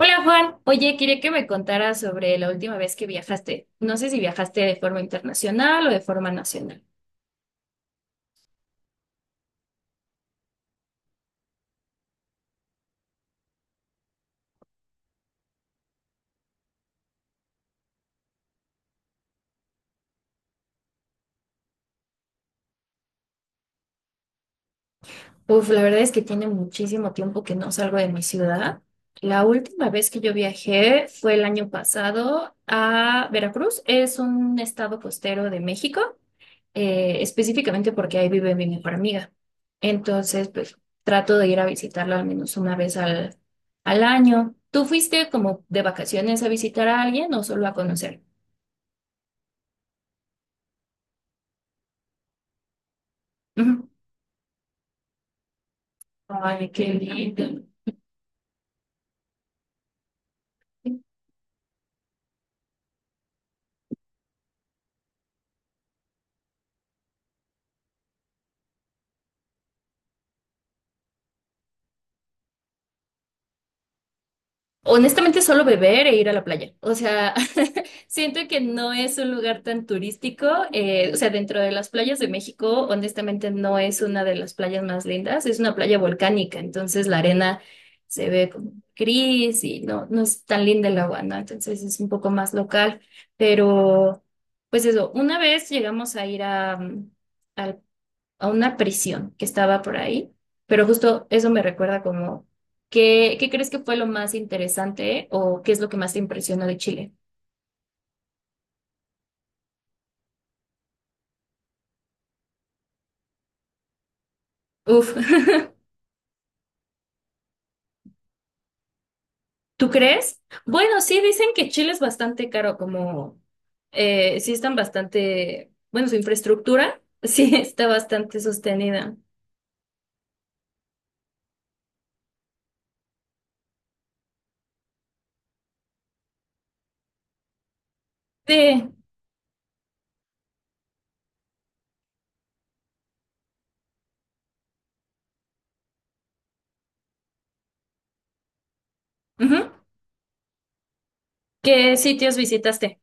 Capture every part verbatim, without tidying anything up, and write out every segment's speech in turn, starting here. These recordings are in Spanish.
Hola Juan, oye, quería que me contaras sobre la última vez que viajaste. No sé si viajaste de forma internacional o de forma nacional. Uf, la verdad es que tiene muchísimo tiempo que no salgo de mi ciudad. La última vez que yo viajé fue el año pasado a Veracruz. Es un estado costero de México, eh, específicamente porque ahí vive mi mejor amiga. Entonces, pues trato de ir a visitarla al menos una vez al, al año. ¿Tú fuiste como de vacaciones a visitar a alguien o solo a conocer? Ujú. Ay, qué lindo. Honestamente, solo beber e ir a la playa. O sea, siento que no es un lugar tan turístico. Eh, o sea, dentro de las playas de México, honestamente, no es una de las playas más lindas. Es una playa volcánica, entonces la arena se ve como gris y no, no es tan linda el agua, ¿no? Entonces es un poco más local. Pero, pues eso, una vez llegamos a ir a, mm, al a una prisión que estaba por ahí, pero justo eso me recuerda como, ¿qué, qué crees que fue lo más interesante o qué es lo que más te impresionó de Chile? Uf, ¿tú crees? Bueno, sí, dicen que Chile es bastante caro, como eh, sí están bastante, bueno, su infraestructura sí está bastante sostenida. Sí, ujú. ¿Qué sitios visitaste?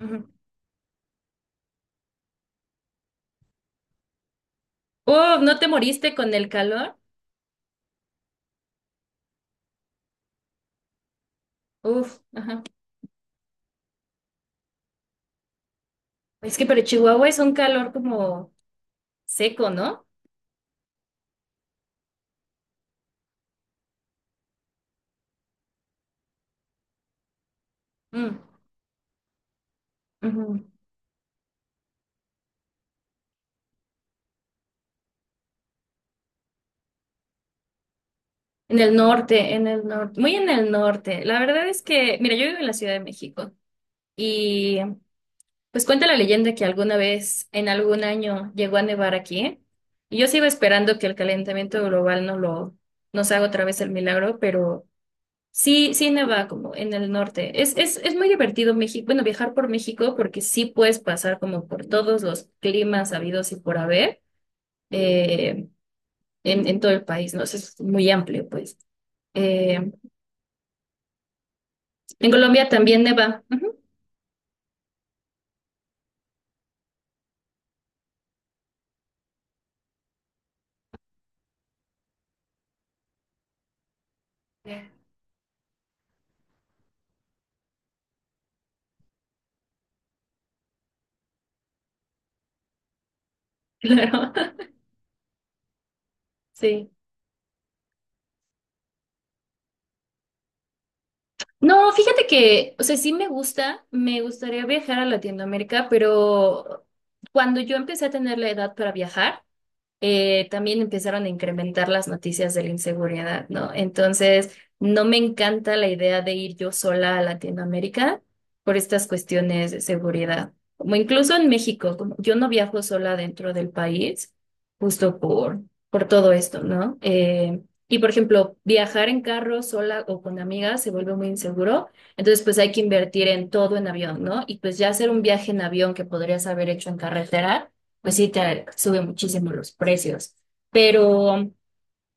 Ujú. Oh, ¿no te moriste con el calor? Uf, ajá. Es que pero Chihuahua es un calor como seco, ¿no? Mm, ujú. En el norte, en el norte, muy en el norte. La verdad es que, mira, yo vivo en la Ciudad de México y pues cuenta la leyenda que alguna vez, en algún año, llegó a nevar aquí y yo sigo esperando que el calentamiento global no lo, nos haga otra vez el milagro, pero sí, sí neva como en el norte. Es, es, es muy divertido México, bueno, viajar por México porque sí puedes pasar como por todos los climas habidos y por haber. eh, en, en todo el país, ¿no? O sea, es muy amplio, pues. Eh, en Colombia también neva. Ujú. Claro, sí. No, fíjate que, o sea, sí me gusta, me gustaría viajar a Latinoamérica, pero cuando yo empecé a tener la edad para viajar, eh, también empezaron a incrementar las noticias de la inseguridad, ¿no? Entonces, no me encanta la idea de ir yo sola a Latinoamérica por estas cuestiones de seguridad. Como incluso en México, como yo no viajo sola dentro del país, justo por, por todo esto, ¿no? Eh, y por ejemplo, viajar en carro sola o con amigas se vuelve muy inseguro, entonces pues hay que invertir en todo en avión, ¿no? Y pues ya hacer un viaje en avión que podrías haber hecho en carretera pues sí, te sube muchísimo los precios. Pero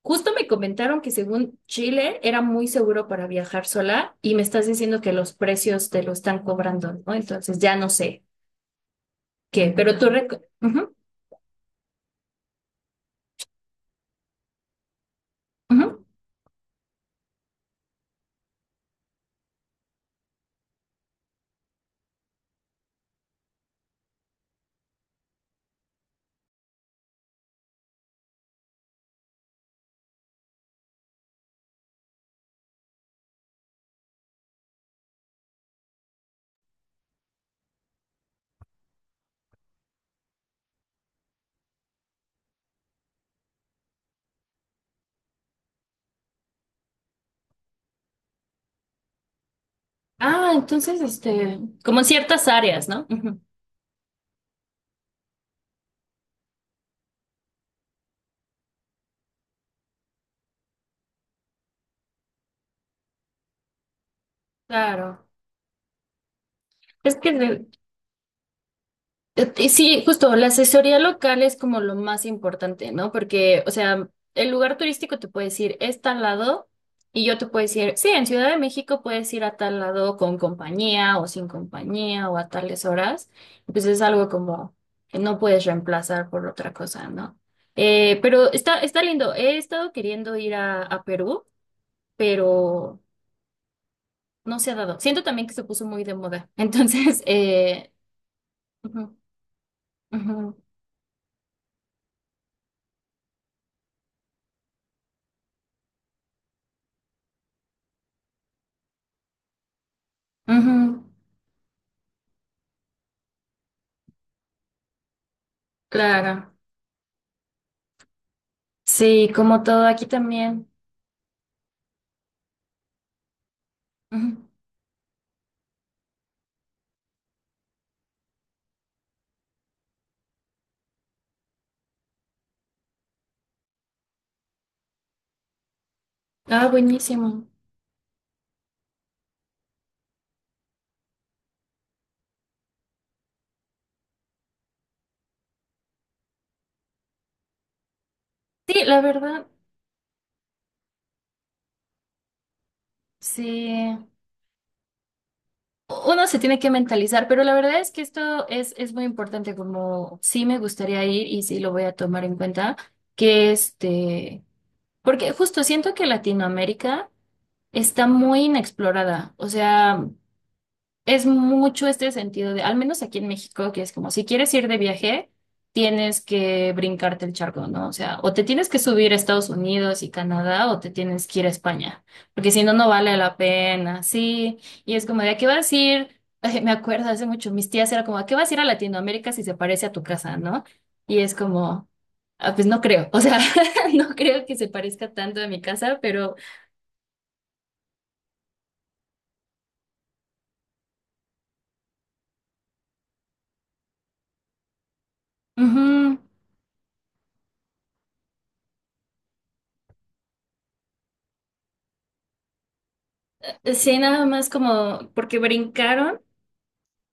justo me comentaron que según Chile era muy seguro para viajar sola y me estás diciendo que los precios te lo están cobrando, ¿no? Entonces ya no sé qué, pero tú... reco- Ujú, ujú. Ah, entonces, este, como en ciertas áreas, ¿no? Ujú. Claro. Es que de- Eh, Sí, justo, la asesoría local es como lo más importante, ¿no? Porque, o sea, el lugar turístico te puede decir, es tal lado, y yo te puedo decir, sí, en Ciudad de México puedes ir a tal lado con compañía o sin compañía o a tales horas. Pues es algo como que no puedes reemplazar por otra cosa, ¿no? Eh, pero está, está lindo. He estado queriendo ir a, a Perú, pero no se ha dado. Siento también que se puso muy de moda. Entonces, eh, ujú, ujú, ujú. Claro. Sí, como todo aquí también. Ujú. Ah, buenísimo. Sí, la verdad, sí. Uno se tiene que mentalizar, pero la verdad es que esto es, es muy importante, como sí me gustaría ir y sí lo voy a tomar en cuenta, que este, porque justo siento que Latinoamérica está muy inexplorada, o sea, es mucho este sentido de, al menos aquí en México, que es como, si quieres ir de viaje, tienes que brincarte el charco, ¿no? O sea, o te tienes que subir a Estados Unidos y Canadá, o te tienes que ir a España, porque si no, no vale la pena, sí. Y es como, ¿de a qué vas a ir? Ay, me acuerdo hace mucho, mis tías era como, ¿a qué vas a ir a Latinoamérica si se parece a tu casa, ¿no? Y es como, "Ah, pues no creo, o sea, no creo que se parezca tanto a mi casa, pero... ujú, sí, nada más como porque brincaron.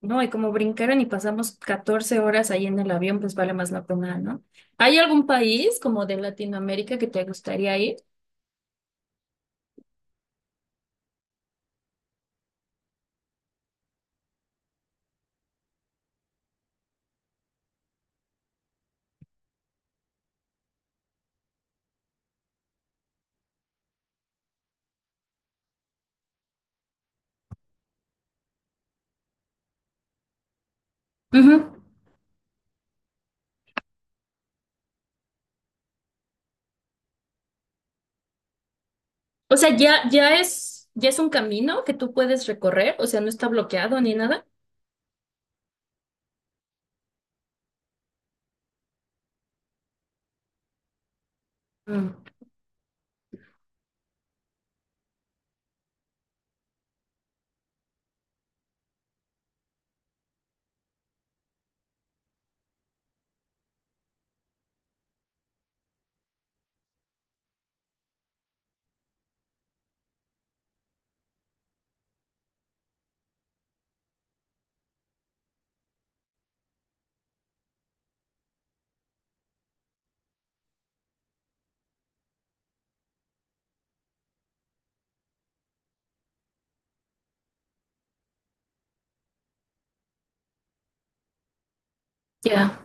No, y como brincaron y pasamos catorce horas ahí en el avión, pues vale más la pena, ¿no? ¿Hay algún país como de Latinoamérica que te gustaría ir? Ujú. O sea, ya, ya es, ya es un camino que tú puedes recorrer, o sea, no está bloqueado ni nada. Mm, ya.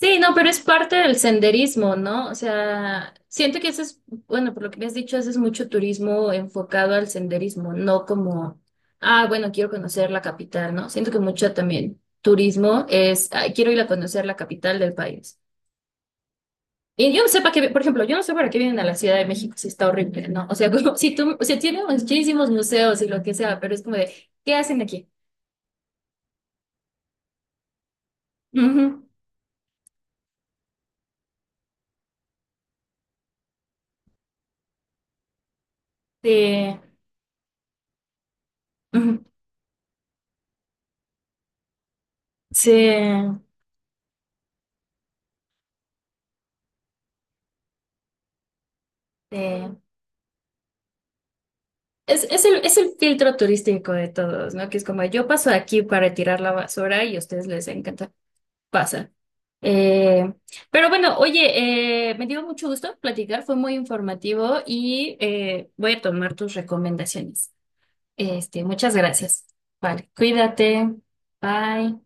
Sí, no, pero es parte del senderismo, ¿no? O sea, siento que ese es, bueno, por lo que me has dicho, ese es mucho turismo enfocado al senderismo, no como, ah, bueno, quiero conocer la capital, ¿no? Siento que mucho también turismo es, "Ay, quiero ir a conocer la capital del país. Y yo no sé para qué, por ejemplo, yo no sé para qué vienen a la Ciudad de México si está horrible, ¿no? O sea, como si tú, o sea, tiene muchísimos museos y lo que sea, pero es como de, ¿qué hacen aquí? Ujú. Sí, ujú. Sí, sí. Es, es el, es el filtro turístico de todos, ¿no? Que es como yo paso aquí para tirar la basura y a ustedes les encanta, pasa. Eh, pero bueno, oye, eh, me dio mucho gusto platicar, fue muy informativo y eh, voy a tomar tus recomendaciones. Este, muchas gracias. Vale, cuídate. Bye.